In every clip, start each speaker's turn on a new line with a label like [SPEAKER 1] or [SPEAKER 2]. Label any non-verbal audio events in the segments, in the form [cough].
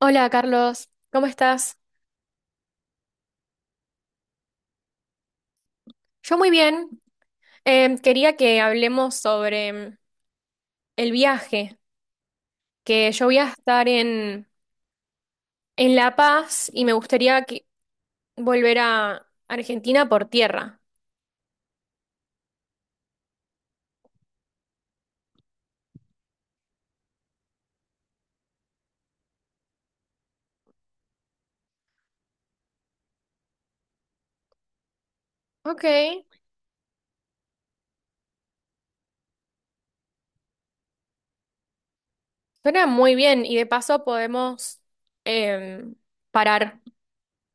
[SPEAKER 1] Hola Carlos, ¿cómo estás? Yo muy bien. Quería que hablemos sobre el viaje, que yo voy a estar en La Paz y me gustaría volver a Argentina por tierra. Ok, suena muy bien y de paso podemos em, parar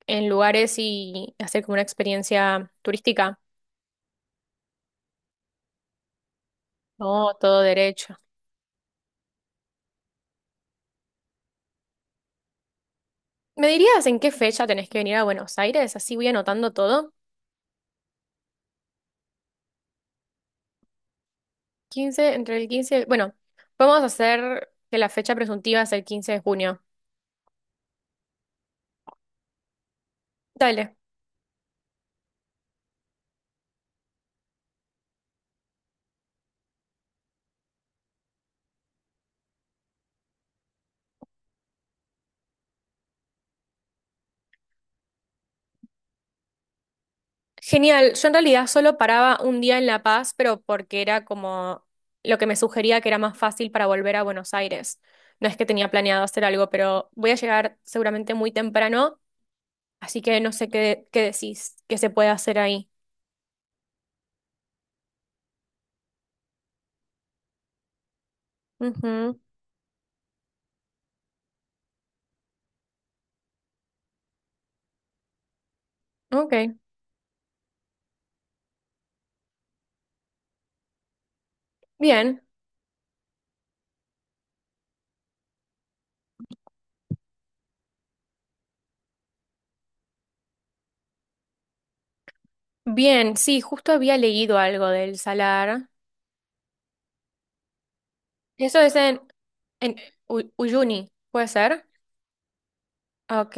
[SPEAKER 1] en lugares y hacer como una experiencia turística. No, todo derecho. ¿Me dirías en qué fecha tenés que venir a Buenos Aires? Así voy anotando todo. Quince Entre el 15 Bueno, vamos a hacer que la fecha presuntiva es el 15 de junio. Dale. Genial. Yo en realidad solo paraba un día en La Paz, pero porque era como lo que me sugería que era más fácil para volver a Buenos Aires. No es que tenía planeado hacer algo, pero voy a llegar seguramente muy temprano, así que no sé qué decís que se puede hacer ahí. Ujú. Ok. Bien. Bien, sí, justo había leído algo del salar. Eso es en Uyuni, ¿puede ser? Ok,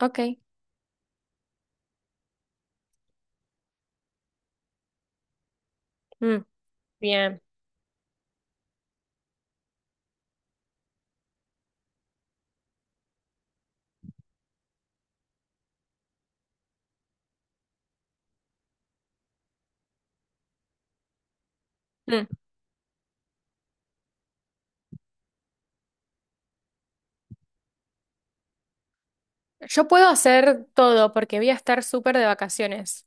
[SPEAKER 1] ok. Mm, bien. Mm. Yo puedo hacer todo porque voy a estar súper de vacaciones.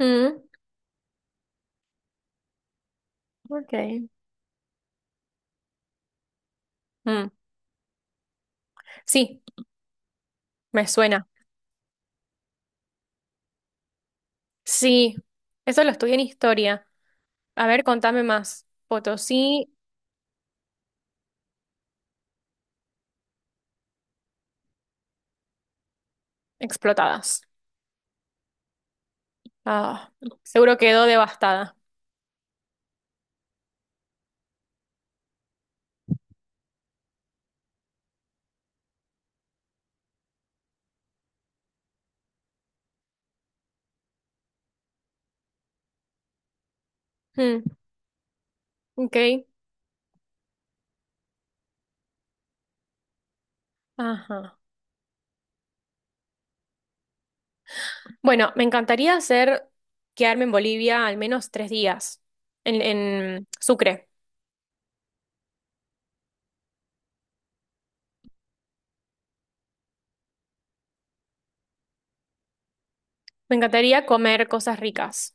[SPEAKER 1] Mm, ok. Mm. Sí, me suena. Sí, eso lo estudié en historia. A ver, contame más. Potosí explotadas. Ah, seguro quedó devastada. Mm, ok. Ajá. Bueno, me encantaría hacer quedarme en Bolivia al menos 3 días, en Sucre. Me encantaría comer cosas ricas.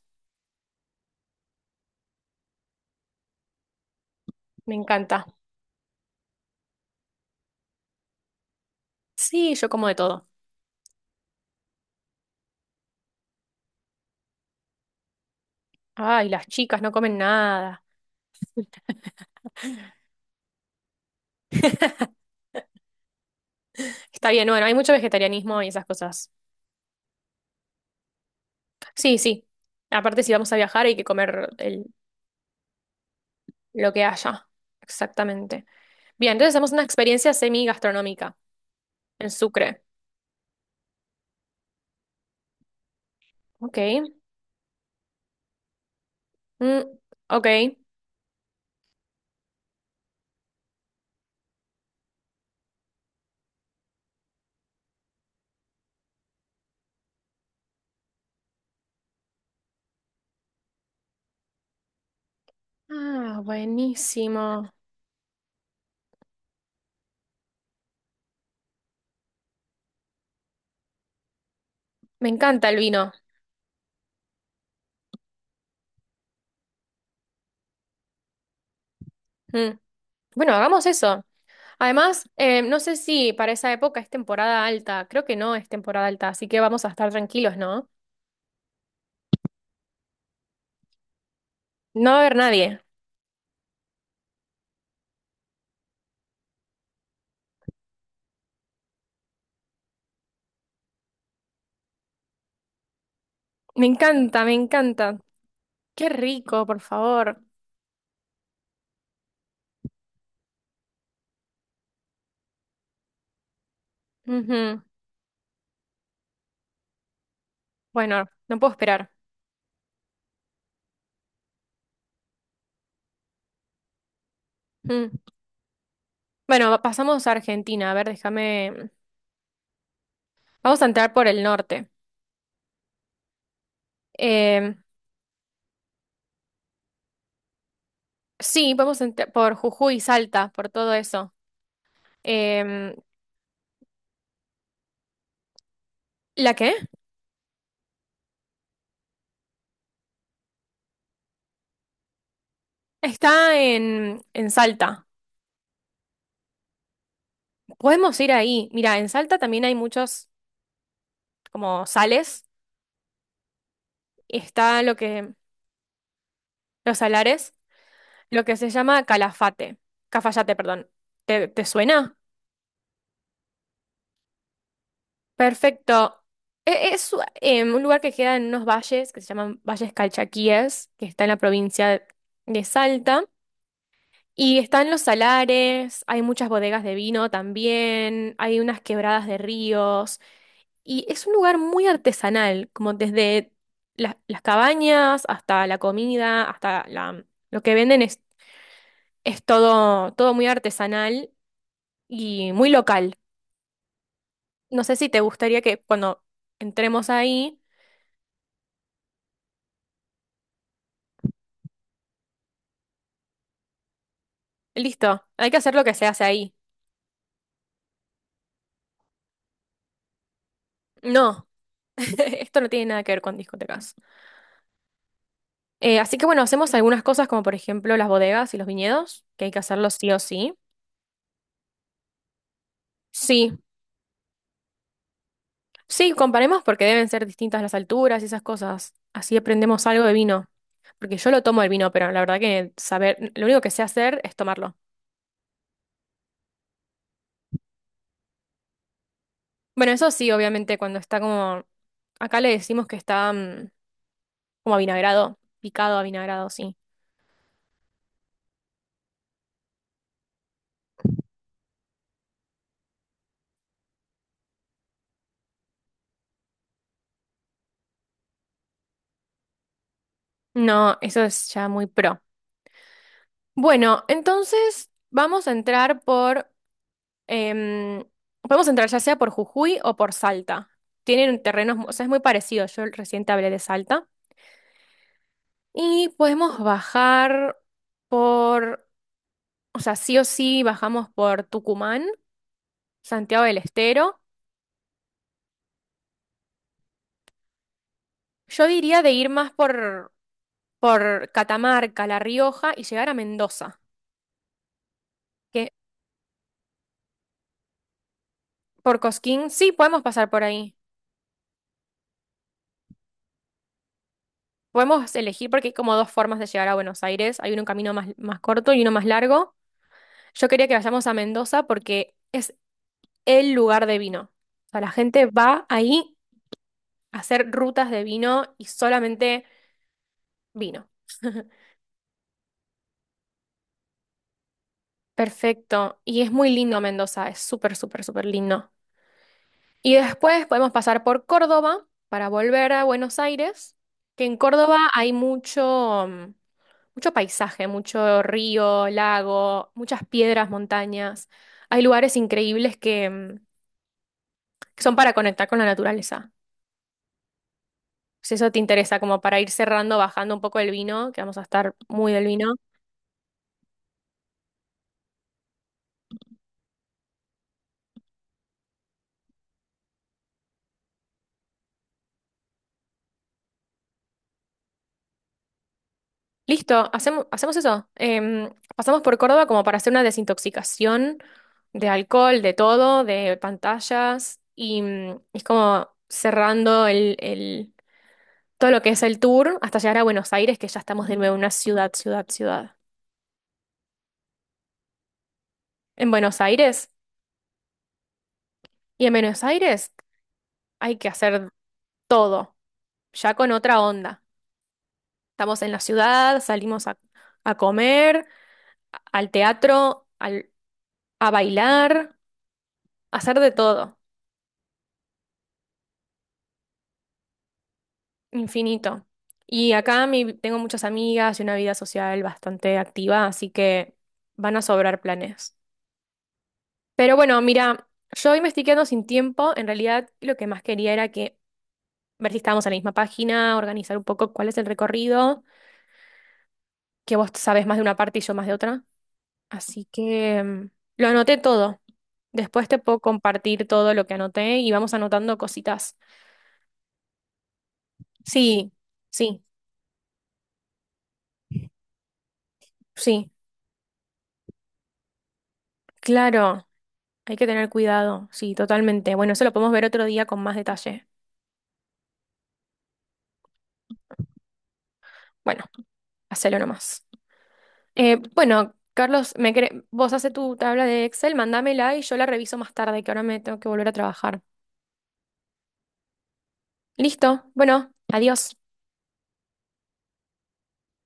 [SPEAKER 1] Me encanta. Sí, yo como de todo. Ay, las chicas no comen nada. [laughs] Está bien, bueno, hay mucho vegetarianismo y esas cosas. Sí, sí. Aparte, si vamos a viajar hay que comer lo que haya. Exactamente. Bien, entonces hacemos una experiencia semi-gastronómica en Sucre. Ok. Mm, ok. Ah, buenísimo. Me encanta el vino. Mm. Bueno, hagamos eso. Además, no sé si para esa época es temporada alta. Creo que no es temporada alta, así que vamos a estar tranquilos, ¿no? No va a haber nadie. Me encanta, me encanta. Qué rico, por favor. Ujú. Bueno, no puedo esperar. Mm. Bueno, pasamos a Argentina. A ver, déjame. Vamos a entrar por el norte. Em, sí, vamos a entrar por Jujuy, Salta, por todo eso. Em, ¿La qué? Está en Salta. Podemos ir ahí. Mira, en Salta también hay muchos como sales. Está los salares, lo que se llama Calafate. Cafayate, perdón. ¿Te suena? Perfecto. Es, un lugar que queda en unos valles que se llaman Valles Calchaquíes, que está en la provincia de Salta. Y están los salares, hay muchas bodegas de vino también, hay unas quebradas de ríos. Y es un lugar muy artesanal, como desde las cabañas hasta la comida, hasta la, lo que venden es todo, todo muy artesanal y muy local. No sé si te gustaría que cuando entremos ahí. Listo, hay que hacer lo que se hace ahí. No, [laughs] esto no tiene nada que ver con discotecas. Así que bueno, hacemos algunas cosas como por ejemplo las bodegas y los viñedos, que hay que hacerlos sí o sí. Sí, sí, comparemos porque deben ser distintas las alturas y esas cosas. Así aprendemos algo de vino. Porque yo lo tomo el vino, pero la verdad que saber, lo único que sé hacer es tomarlo. Bueno, eso sí, obviamente, cuando está como, acá le decimos que está como avinagrado, picado avinagrado, sí. No, eso es ya muy pro. Bueno, entonces vamos a entrar em, podemos entrar ya sea por Jujuy o por Salta. Tienen terrenos, o sea, es muy parecido. Yo recién te hablé de Salta. Y podemos bajar por, o sea, sí o sí bajamos por Tucumán, Santiago del Estero. Yo diría de ir más por Catamarca, La Rioja y llegar a Mendoza. Que por Cosquín, sí, podemos pasar por ahí. Podemos elegir porque hay como dos formas de llegar a Buenos Aires. Hay un camino más corto y uno más largo. Yo quería que vayamos a Mendoza porque es el lugar de vino. O sea, la gente va ahí a hacer rutas de vino y solamente vino. [laughs] Perfecto. Y es muy lindo Mendoza, es súper, súper, súper lindo. Y después podemos pasar por Córdoba para volver a Buenos Aires, que en Córdoba hay mucho paisaje, mucho río, lago, muchas piedras, montañas. Hay lugares increíbles que son para conectar con la naturaleza. Si eso te interesa, como para ir cerrando, bajando un poco el vino, que vamos a estar muy del vino. Listo, hacemos eso. Pasamos por Córdoba como para hacer una desintoxicación de alcohol, de todo, de pantallas, y es como cerrando todo lo que es el tour hasta llegar a Buenos Aires, que ya estamos de nuevo en una ciudad, ciudad, ciudad. En Buenos Aires. Y en Buenos Aires hay que hacer todo, ya con otra onda. Estamos en la ciudad, salimos a comer, al teatro, a bailar, a hacer de todo, infinito. Y acá tengo muchas amigas y una vida social bastante activa, así que van a sobrar planes. Pero bueno, mira, yo hoy me estoy quedando sin tiempo. En realidad, lo que más quería era que ver si estábamos en la misma página, organizar un poco cuál es el recorrido. Que vos sabes más de una parte y yo más de otra. Así que lo anoté todo. Después te puedo compartir todo lo que anoté y vamos anotando cositas. Sí, sí, sí, claro. Hay que tener cuidado. Sí, totalmente. Bueno, eso lo podemos ver otro día con más detalle. Bueno, hacelo nomás. Bueno, Carlos, vos hace tu tabla de Excel, mandámela y yo la reviso más tarde, que ahora me tengo que volver a trabajar. Listo. Bueno, adiós.